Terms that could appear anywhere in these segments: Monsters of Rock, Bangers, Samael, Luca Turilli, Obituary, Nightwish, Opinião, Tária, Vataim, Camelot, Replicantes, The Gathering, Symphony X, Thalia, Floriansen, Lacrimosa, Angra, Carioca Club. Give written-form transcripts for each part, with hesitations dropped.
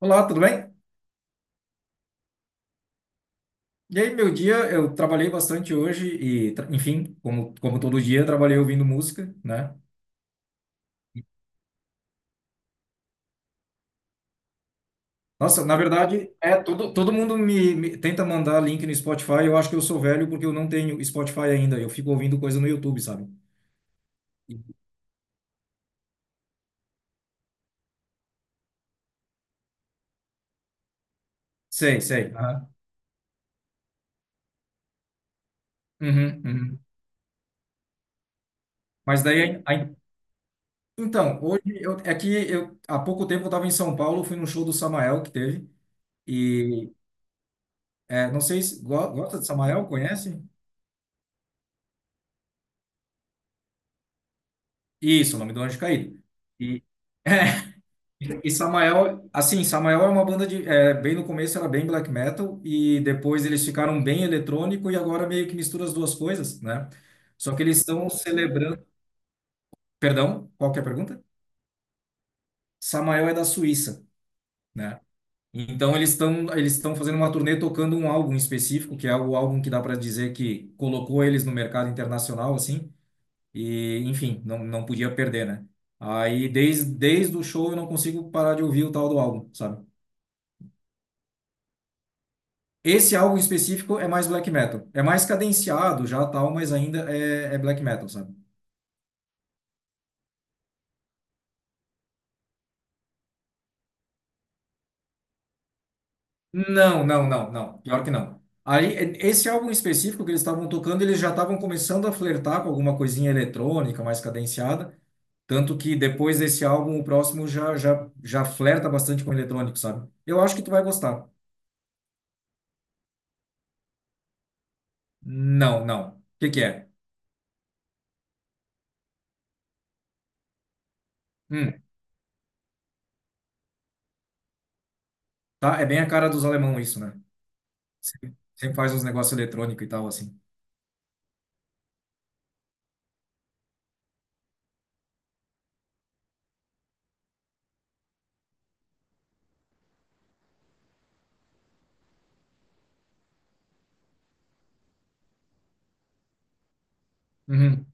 Olá, tudo bem? E aí, meu dia, eu trabalhei bastante hoje e, enfim, como todo dia, eu trabalhei ouvindo música, né? Nossa, na verdade, é todo mundo me tenta mandar link no Spotify. Eu acho que eu sou velho porque eu não tenho Spotify ainda. Eu fico ouvindo coisa no YouTube, sabe? Sei, sei. Aham. Uhum, uhum. Mas daí, aí, então, hoje eu, é que eu há pouco tempo eu estava em São Paulo, fui num show do Samael que teve e é, não sei se gosta de Samael, conhece? Isso, o nome do anjo caído. E, e Samael, assim, Samael é uma banda de, é, bem no começo era bem black metal e depois eles ficaram bem eletrônico e agora meio que mistura as duas coisas, né? Só que eles estão celebrando, perdão, qual que é a pergunta? Samael é da Suíça, né? Então eles estão fazendo uma turnê tocando um álbum específico, que é o álbum que dá para dizer que colocou eles no mercado internacional, assim. E, enfim, não, não podia perder, né? Aí, desde o show, eu não consigo parar de ouvir o tal do álbum, sabe? Esse álbum específico é mais black metal. É mais cadenciado já, tal, mas ainda é black metal, sabe? Não, não, não, não. Pior que não. Aí, esse álbum específico que eles estavam tocando, eles já estavam começando a flertar com alguma coisinha eletrônica mais cadenciada. Tanto que depois desse álbum, o próximo já flerta bastante com eletrônico, sabe? Eu acho que tu vai gostar. Não, não. O que que é? Hum. Tá? É bem a cara dos alemão isso, né? Sempre faz uns negócios eletrônicos e tal, assim. Uhum.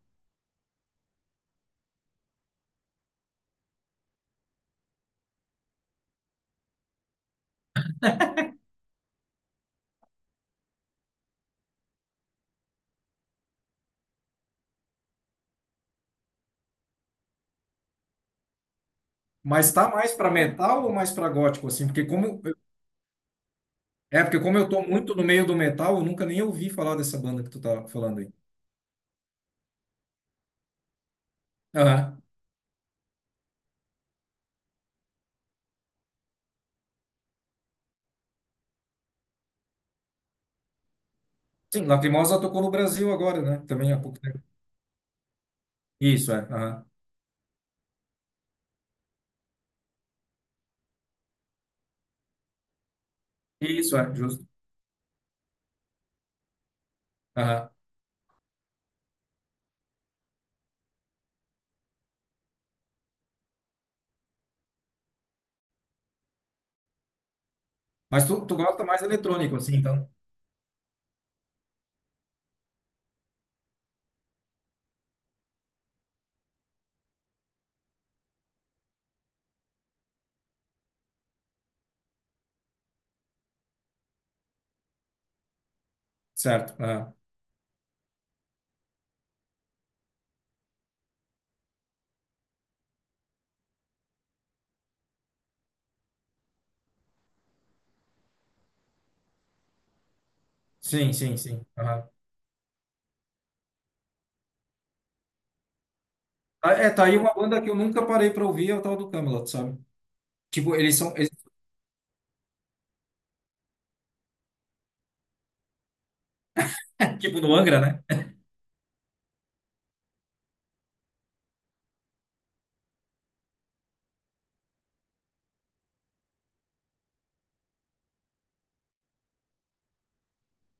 Mas tá mais para metal ou mais para gótico, assim? Porque como... É, porque como eu tô muito no meio do metal, eu nunca nem ouvi falar dessa banda que tu tá falando aí. Aham. Sim, Lacrimosa tocou no Brasil agora, né? Também há pouco tempo. Isso, é. Aham. Isso, é, justo. Aham. Mas tu gosta mais eletrônico, assim, então? Certo. Aham. Sim, sim, sim. Aham. Ah, é, tá aí uma banda que eu nunca parei para ouvir, é o tal do Camelot, sabe? Tipo, eles são, tipo, no Angra, né?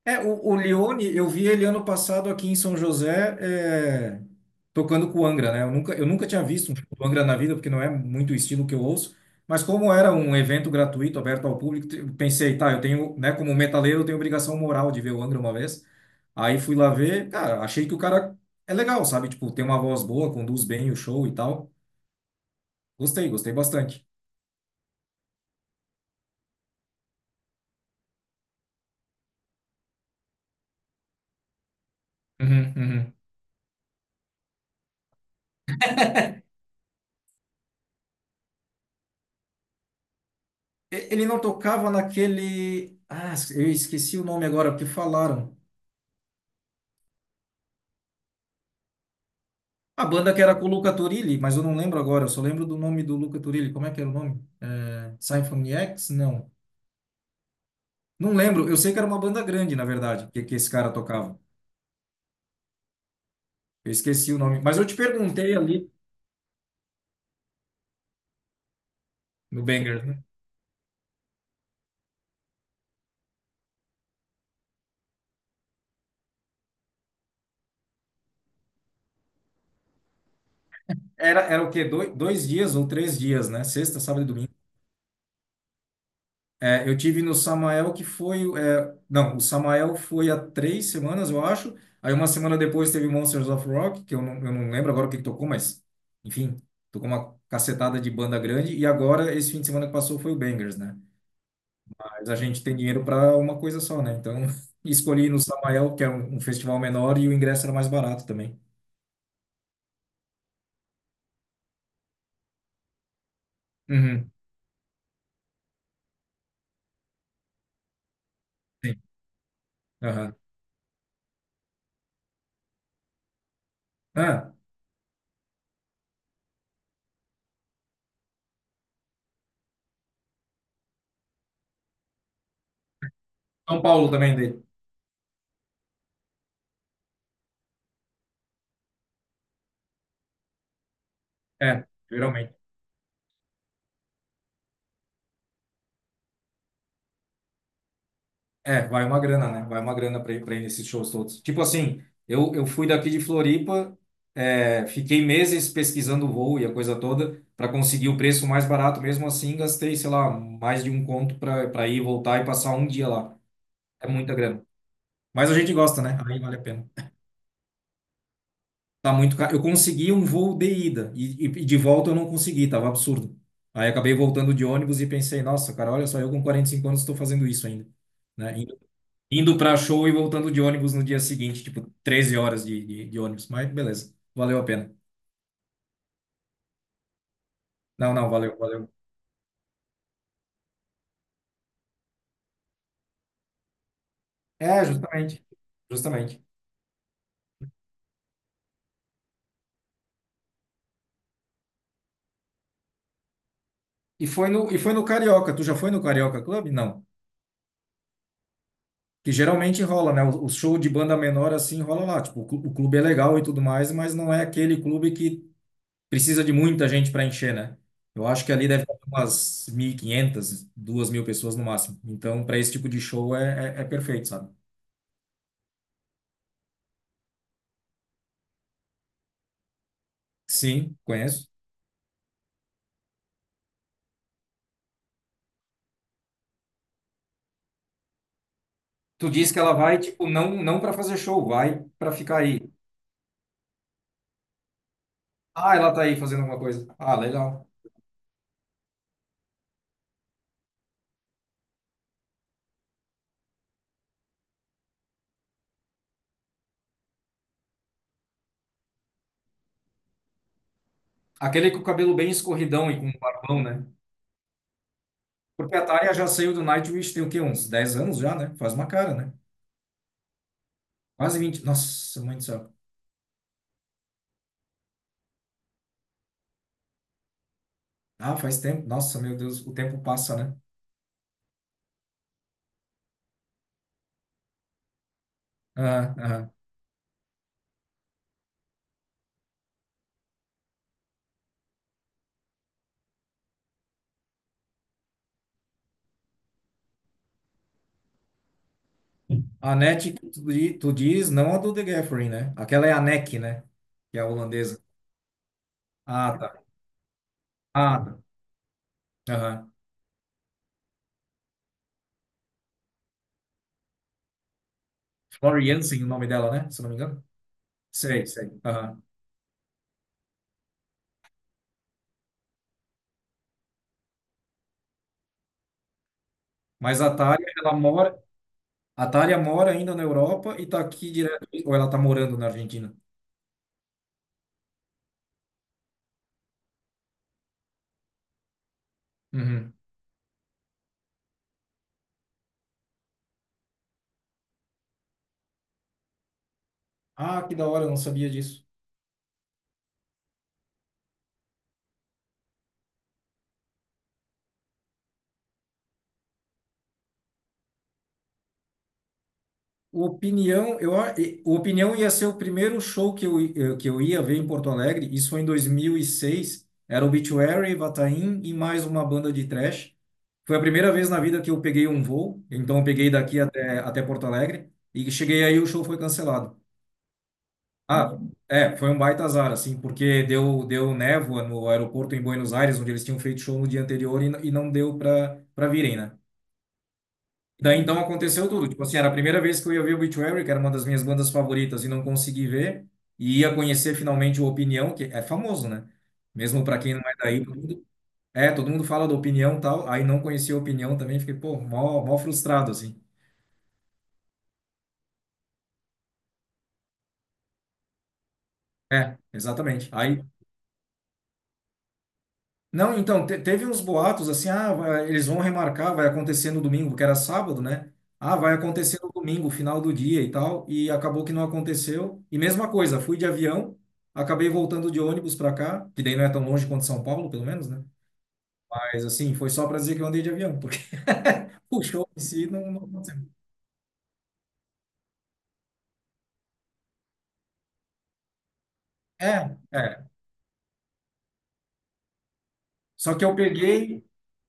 É, o Lione, eu vi ele ano passado aqui em São José, é, tocando com o Angra, né? Eu nunca tinha visto um show do Angra na vida, porque não é muito o estilo que eu ouço, mas como era um evento gratuito, aberto ao público, eu pensei, tá, eu tenho, né, como metaleiro, eu tenho obrigação moral de ver o Angra uma vez. Aí fui lá ver, cara, achei que o cara é legal, sabe? Tipo, tem uma voz boa, conduz bem o show e tal. Gostei, gostei bastante. Uhum, uhum. Ele não tocava naquele. Ah, eu esqueci o nome agora, porque falaram. A banda que era com o Luca Turilli, mas eu não lembro agora, eu só lembro do nome do Luca Turilli. Como é que era o nome? É, Symphony X? Não. Não lembro, eu sei que era uma banda grande, na verdade, que esse cara tocava. Eu esqueci o nome, mas eu te perguntei ali no Banger, né? Era o quê? Dois dias ou três dias, né? Sexta, sábado e domingo. É, eu tive no Samael que foi. É, não, o Samael foi há três semanas, eu acho. Aí uma semana depois teve Monsters of Rock, que eu não lembro agora o que que tocou, mas enfim, tocou uma cacetada de banda grande. E agora, esse fim de semana que passou, foi o Bangers, né? Mas a gente tem dinheiro para uma coisa só, né? Então escolhi ir no Samael, que é um festival menor, e o ingresso era mais barato também. Uhum, sim. Aham. Ah, São Paulo também dele. É, geralmente. É, vai uma grana, né? Vai uma grana para ir pra ir nesses shows todos. Tipo assim, eu fui daqui de Floripa, é, fiquei meses pesquisando o voo e a coisa toda para conseguir o preço mais barato. Mesmo assim, gastei, sei lá, mais de um conto para ir, voltar e passar um dia lá. É muita grana. Mas a gente gosta, né? Aí vale a pena. Tá muito caro. Eu consegui um voo de ida e de volta eu não consegui, tava absurdo. Aí acabei voltando de ônibus e pensei, nossa, cara, olha só, eu com 45 anos estou fazendo isso ainda. Né? Indo pra show e voltando de ônibus no dia seguinte, tipo, 13 horas de ônibus. Mas beleza, valeu a pena. Não, não, valeu, valeu. É, justamente. Justamente. E foi no Carioca. Tu já foi no Carioca Club? Não. Que geralmente rola, né? O show de banda menor assim rola lá. Tipo, o clube é legal e tudo mais, mas não é aquele clube que precisa de muita gente para encher, né? Eu acho que ali deve ter umas mil e quinhentas duas mil pessoas no máximo. Então, para esse tipo de show é perfeito, sabe? Sim, conheço. Tu disse que ela vai, tipo, não, não para fazer show, vai para ficar aí. Ah, ela tá aí fazendo alguma coisa. Ah, legal. Aquele com o cabelo bem escorridão e com um barbão, né? Porque a Tária já saiu do Nightwish tem o quê? Uns 10 anos já, né? Faz uma cara, né? Quase vinte. Nossa, mãe do céu. Ah, faz tempo. Nossa, meu Deus, o tempo passa, né? Aham, aham. A NET, que tu diz, não a do The Gathering, né? Aquela é a NEC, né? Que é a holandesa. Ah, tá. Ah, tá. Aham. Floriansen, o nome dela, né? Se eu não me engano. Sei, sei. Aham. Mas a Thalia mora ainda na Europa e tá aqui direto, ou ela tá morando na Argentina? Uhum. Ah, que da hora, eu não sabia disso. O Opinião, o Opinião ia ser o primeiro show que eu ia ver em Porto Alegre, isso foi em 2006, era Obituary, Vataim e mais uma banda de thrash. Foi a primeira vez na vida que eu peguei um voo, então eu peguei daqui até Porto Alegre, e cheguei aí o show foi cancelado. Ah, é, foi um baita azar, assim, porque deu névoa no aeroporto em Buenos Aires, onde eles tinham feito show no dia anterior e, e não deu pra virem, né? Daí então aconteceu tudo. Tipo assim, era a primeira vez que eu ia ver o Obituary, que era uma das minhas bandas favoritas, e não consegui ver, e ia conhecer finalmente o Opinião, que é famoso, né? Mesmo pra quem não é daí, todo mundo fala do Opinião e tal, aí não conhecia o Opinião também, fiquei, pô, mó frustrado, assim. É, exatamente. Aí. Não, então, teve uns boatos assim, ah, eles vão remarcar, vai acontecer no domingo, que era sábado, né? Ah, vai acontecer no domingo, final do dia e tal, e acabou que não aconteceu. E mesma coisa, fui de avião, acabei voltando de ônibus para cá, que daí não é tão longe quanto São Paulo, pelo menos, né? Mas assim, foi só para dizer que eu andei de avião, porque o show em si não aconteceu. É, é. Só que eu peguei,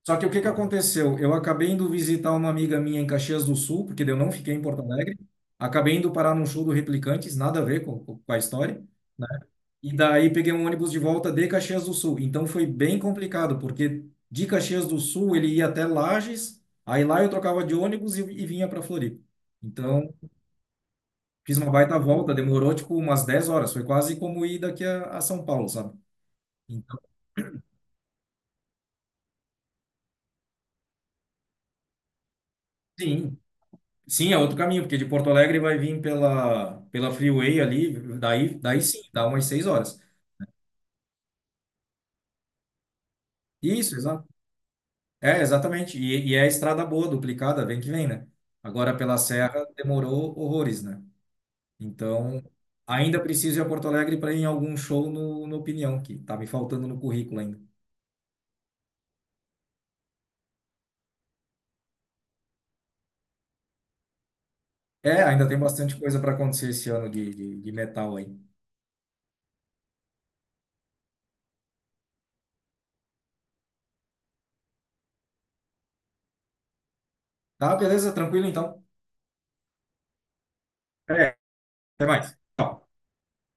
só que o que que aconteceu? Eu acabei indo visitar uma amiga minha em Caxias do Sul, porque eu não fiquei em Porto Alegre. Acabei indo parar num show do Replicantes, nada a ver com a história. E daí peguei um ônibus de volta de Caxias do Sul. Então foi bem complicado, porque de Caxias do Sul ele ia até Lages, aí lá eu trocava de ônibus e vinha para Floripa. Então fiz uma baita volta, demorou tipo umas 10 horas, foi quase como ir daqui a São Paulo, sabe? Então, sim, sim, é outro caminho, porque de Porto Alegre vai vir pela Freeway ali, daí sim, dá umas seis horas. Isso, exato. É, exatamente. E é a estrada boa, duplicada, vem que vem, né? Agora pela Serra demorou horrores, né? Então, ainda preciso ir a Porto Alegre para ir em algum show no Opinião, que tá me faltando no currículo ainda. É, ainda tem bastante coisa para acontecer esse ano de metal aí. Tá, beleza, tranquilo então. É, até mais. Tchau.